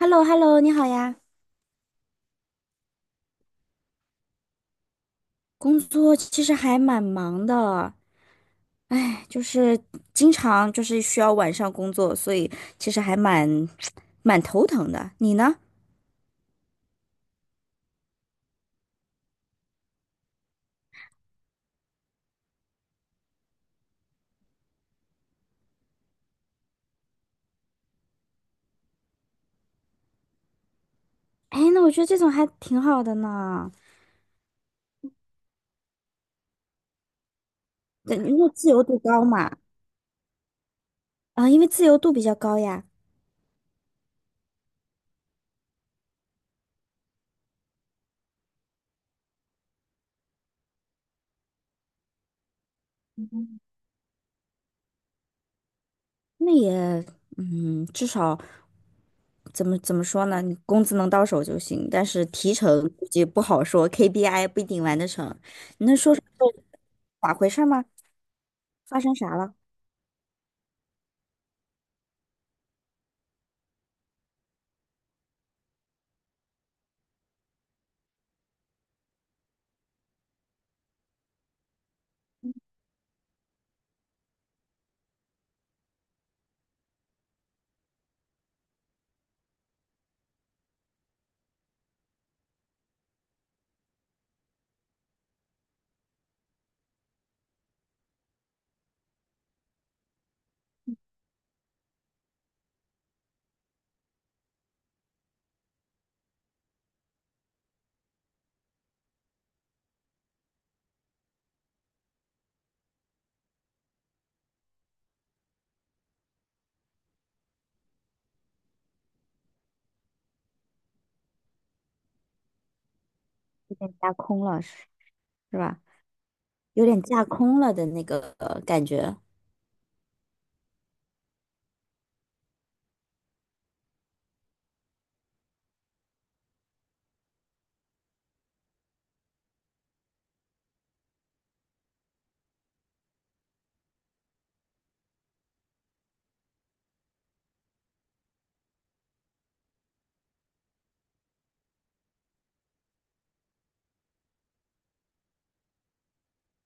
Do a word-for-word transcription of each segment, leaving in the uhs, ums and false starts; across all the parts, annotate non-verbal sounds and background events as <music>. h e l l o h e l l o 你好呀。工作其实还蛮忙的，哎，就是经常就是需要晚上工作，所以其实还蛮 <tsk> 蛮头疼的。你呢？哎，那我觉得这种还挺好的呢，对，因为自由度高嘛，啊，因为自由度比较高呀，那也，嗯，至少怎么怎么说呢，你工资能到手就行，但是提成估计不好说，K P I 不一定完得成。你能说说是咋回事儿吗？发生啥了？架空了，是是吧？有点架空了的那个呃感觉。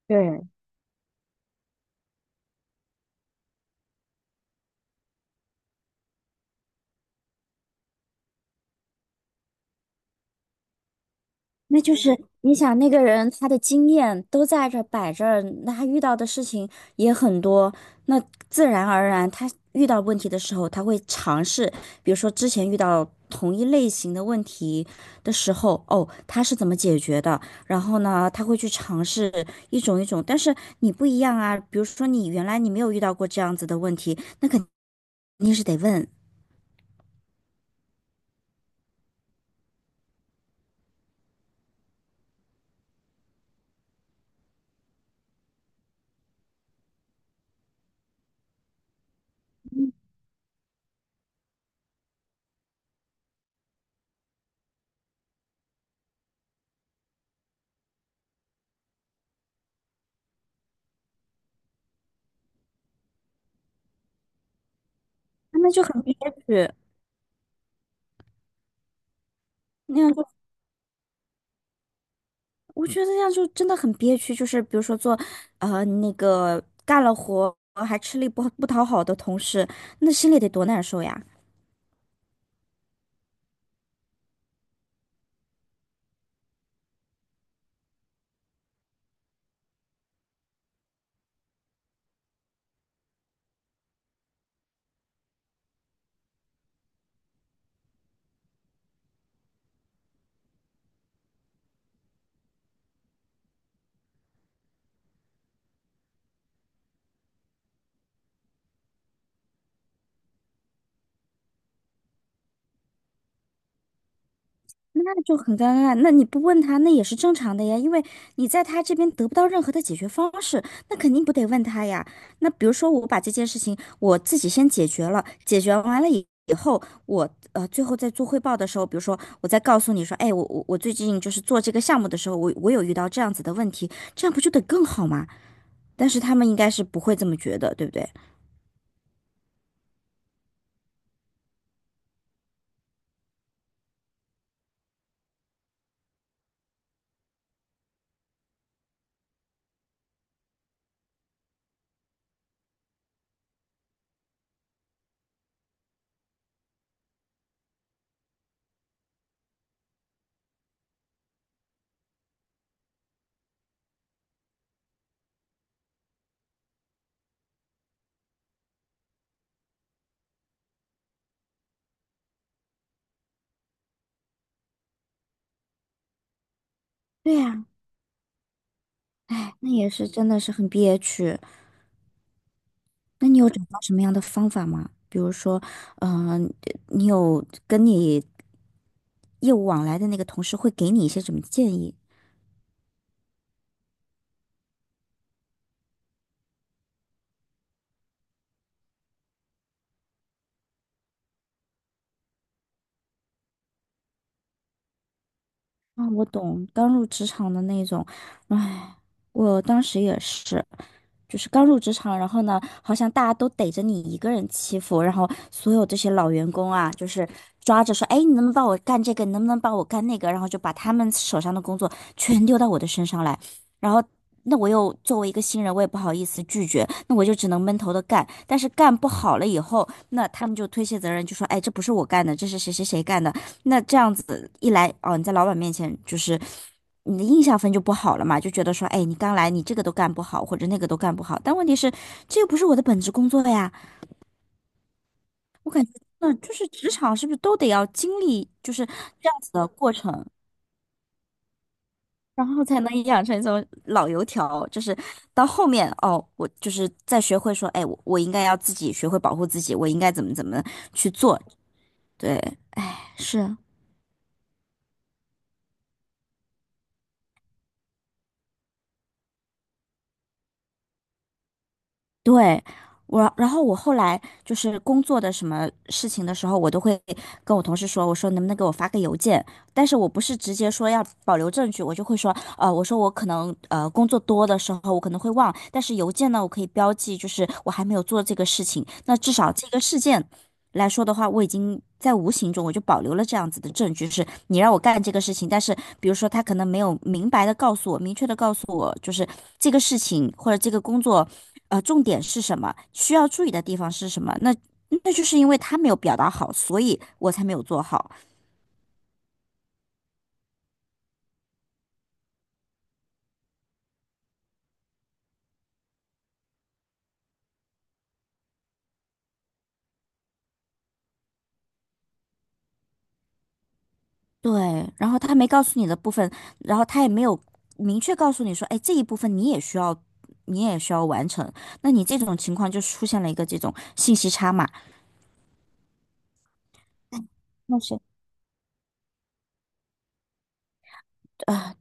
对，那就是你想，那个人他的经验都在这摆着儿，那他遇到的事情也很多，那自然而然他遇到问题的时候，他会尝试，比如说之前遇到同一类型的问题的时候，哦，他是怎么解决的？然后呢，他会去尝试一种一种，但是你不一样啊，比如说你原来你没有遇到过这样子的问题，那肯定是得问。那就很憋屈，那样就我觉得那样就真的很憋屈。就是比如说做，呃，那个干了活还吃力不不讨好的同事，那心里得多难受呀。那就很尴尬。那你不问他，那也是正常的呀，因为你在他这边得不到任何的解决方式，那肯定不得问他呀。那比如说，我把这件事情我自己先解决了，解决完了以以后，我呃最后在做汇报的时候，比如说我再告诉你说，哎，我我我最近就是做这个项目的时候，我我有遇到这样子的问题，这样不就得更好吗？但是他们应该是不会这么觉得，对不对？对呀，哎，那也是真的是很憋屈。那你有找到什么样的方法吗？比如说，嗯、你有跟你业务往来的那个同事会给你一些什么建议？啊，我懂，刚入职场的那种，唉，我当时也是。就是刚入职场，然后呢，好像大家都逮着你一个人欺负，然后所有这些老员工啊，就是抓着说，哎，你能不能帮我干这个？你能不能帮我干那个？然后就把他们手上的工作全丢到我的身上来，然后。那我又作为一个新人，我也不好意思拒绝，那我就只能闷头的干。但是干不好了以后，那他们就推卸责任，就说：“哎，这不是我干的，这是谁谁谁干的。”那这样子一来，哦，你在老板面前就是你的印象分就不好了嘛，就觉得说，哎，你刚来，你这个都干不好，或者那个都干不好。但问题是，这又不是我的本职工作呀。那就是职场是不是都得要经历就是这样子的过程，然后才能养成一种老油条，就是到后面哦，我就是再学会说，哎，我我应该要自己学会保护自己，我应该怎么怎么去做。对，是。对，我，然后我后来就是工作的什么事情的时候，我都会跟我同事说，我说能不能给我发个邮件？但是我不是直接说要保留证据，我就会说，呃，我说我可能呃工作多的时候我可能会忘，但是邮件呢，我可以标记，就是我还没有做这个事情，那至少这个事件来说的话，我已经在无形中我就保留了这样子的证据，是你让我干这个事情，但是比如说他可能没有明白的告诉我，明确的告诉我，就是这个事情或者这个工作，呃，重点是什么，需要注意的地方是什么，那那就是因为他没有表达好，所以我才没有做好。对，然后他没告诉你的部分，然后他也没有明确告诉你说，哎，这一部分你也需要。你也需要完成，那你这种情况就出现了一个这种信息差嘛？那是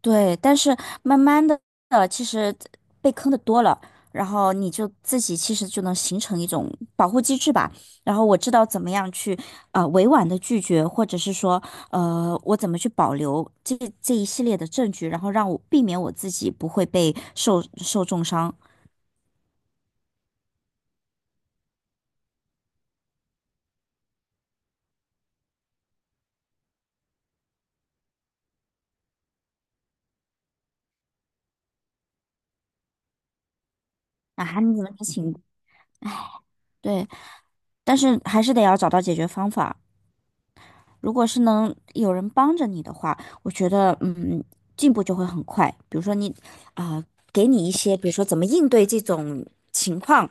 对，但是慢慢的，其实被坑的多了，然后你就自己其实就能形成一种保护机制吧。然后我知道怎么样去呃委婉的拒绝，或者是说呃我怎么去保留这这一系列的证据，然后让我避免我自己不会被受受重伤啊。你怎么情？对，但是还是得要找到解决方法。如果是能有人帮着你的话，我觉得嗯，进步就会很快。比如说你啊、给你一些，比如说怎么应对这种情况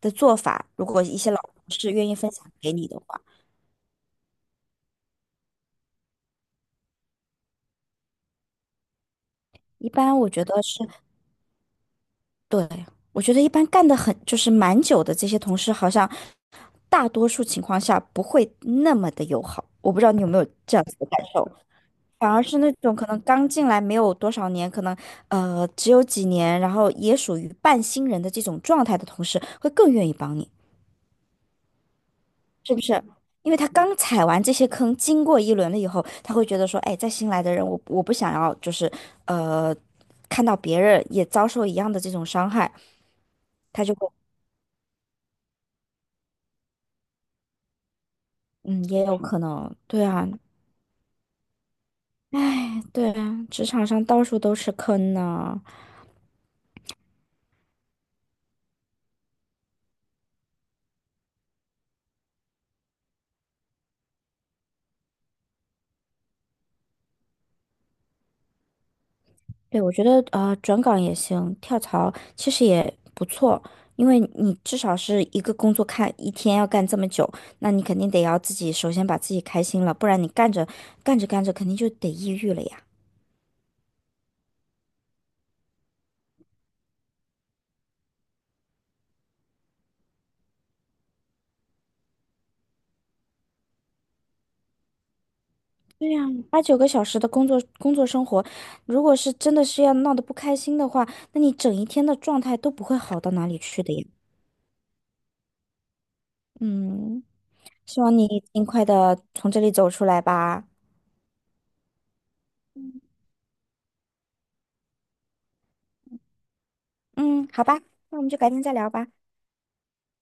的做法，如果一些老同事愿意分享给你的话，一般我觉得是对。我觉得一般干得很就是蛮久的这些同事，好像大多数情况下不会那么的友好。我不知道你有没有这样子的感受。反而是那种可能刚进来没有多少年，可能呃只有几年，然后也属于半新人的这种状态的同事，会更愿意帮你，是不是？因为他刚踩完这些坑，经过一轮了以后，他会觉得说，哎，再新来的人，我我不想要，就是呃，看到别人也遭受一样的这种伤害，他就会，嗯，也有可能，对啊，对啊，职场上到处都是坑呢、对，我觉得呃，转岗也行，跳槽其实也不错，因为你至少是一个工作看一天要干这么久，那你肯定得要自己首先把自己开心了，不然你干着干着干着肯定就得抑郁了呀。对呀，八九个小时的工作工作生活，如果是真的是要闹得不开心的话，那你整一天的状态都不会好到哪里去的呀。嗯，希望你尽快的从这里走出来吧。嗯，好吧，那我们就改天再聊吧。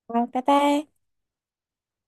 好，拜拜。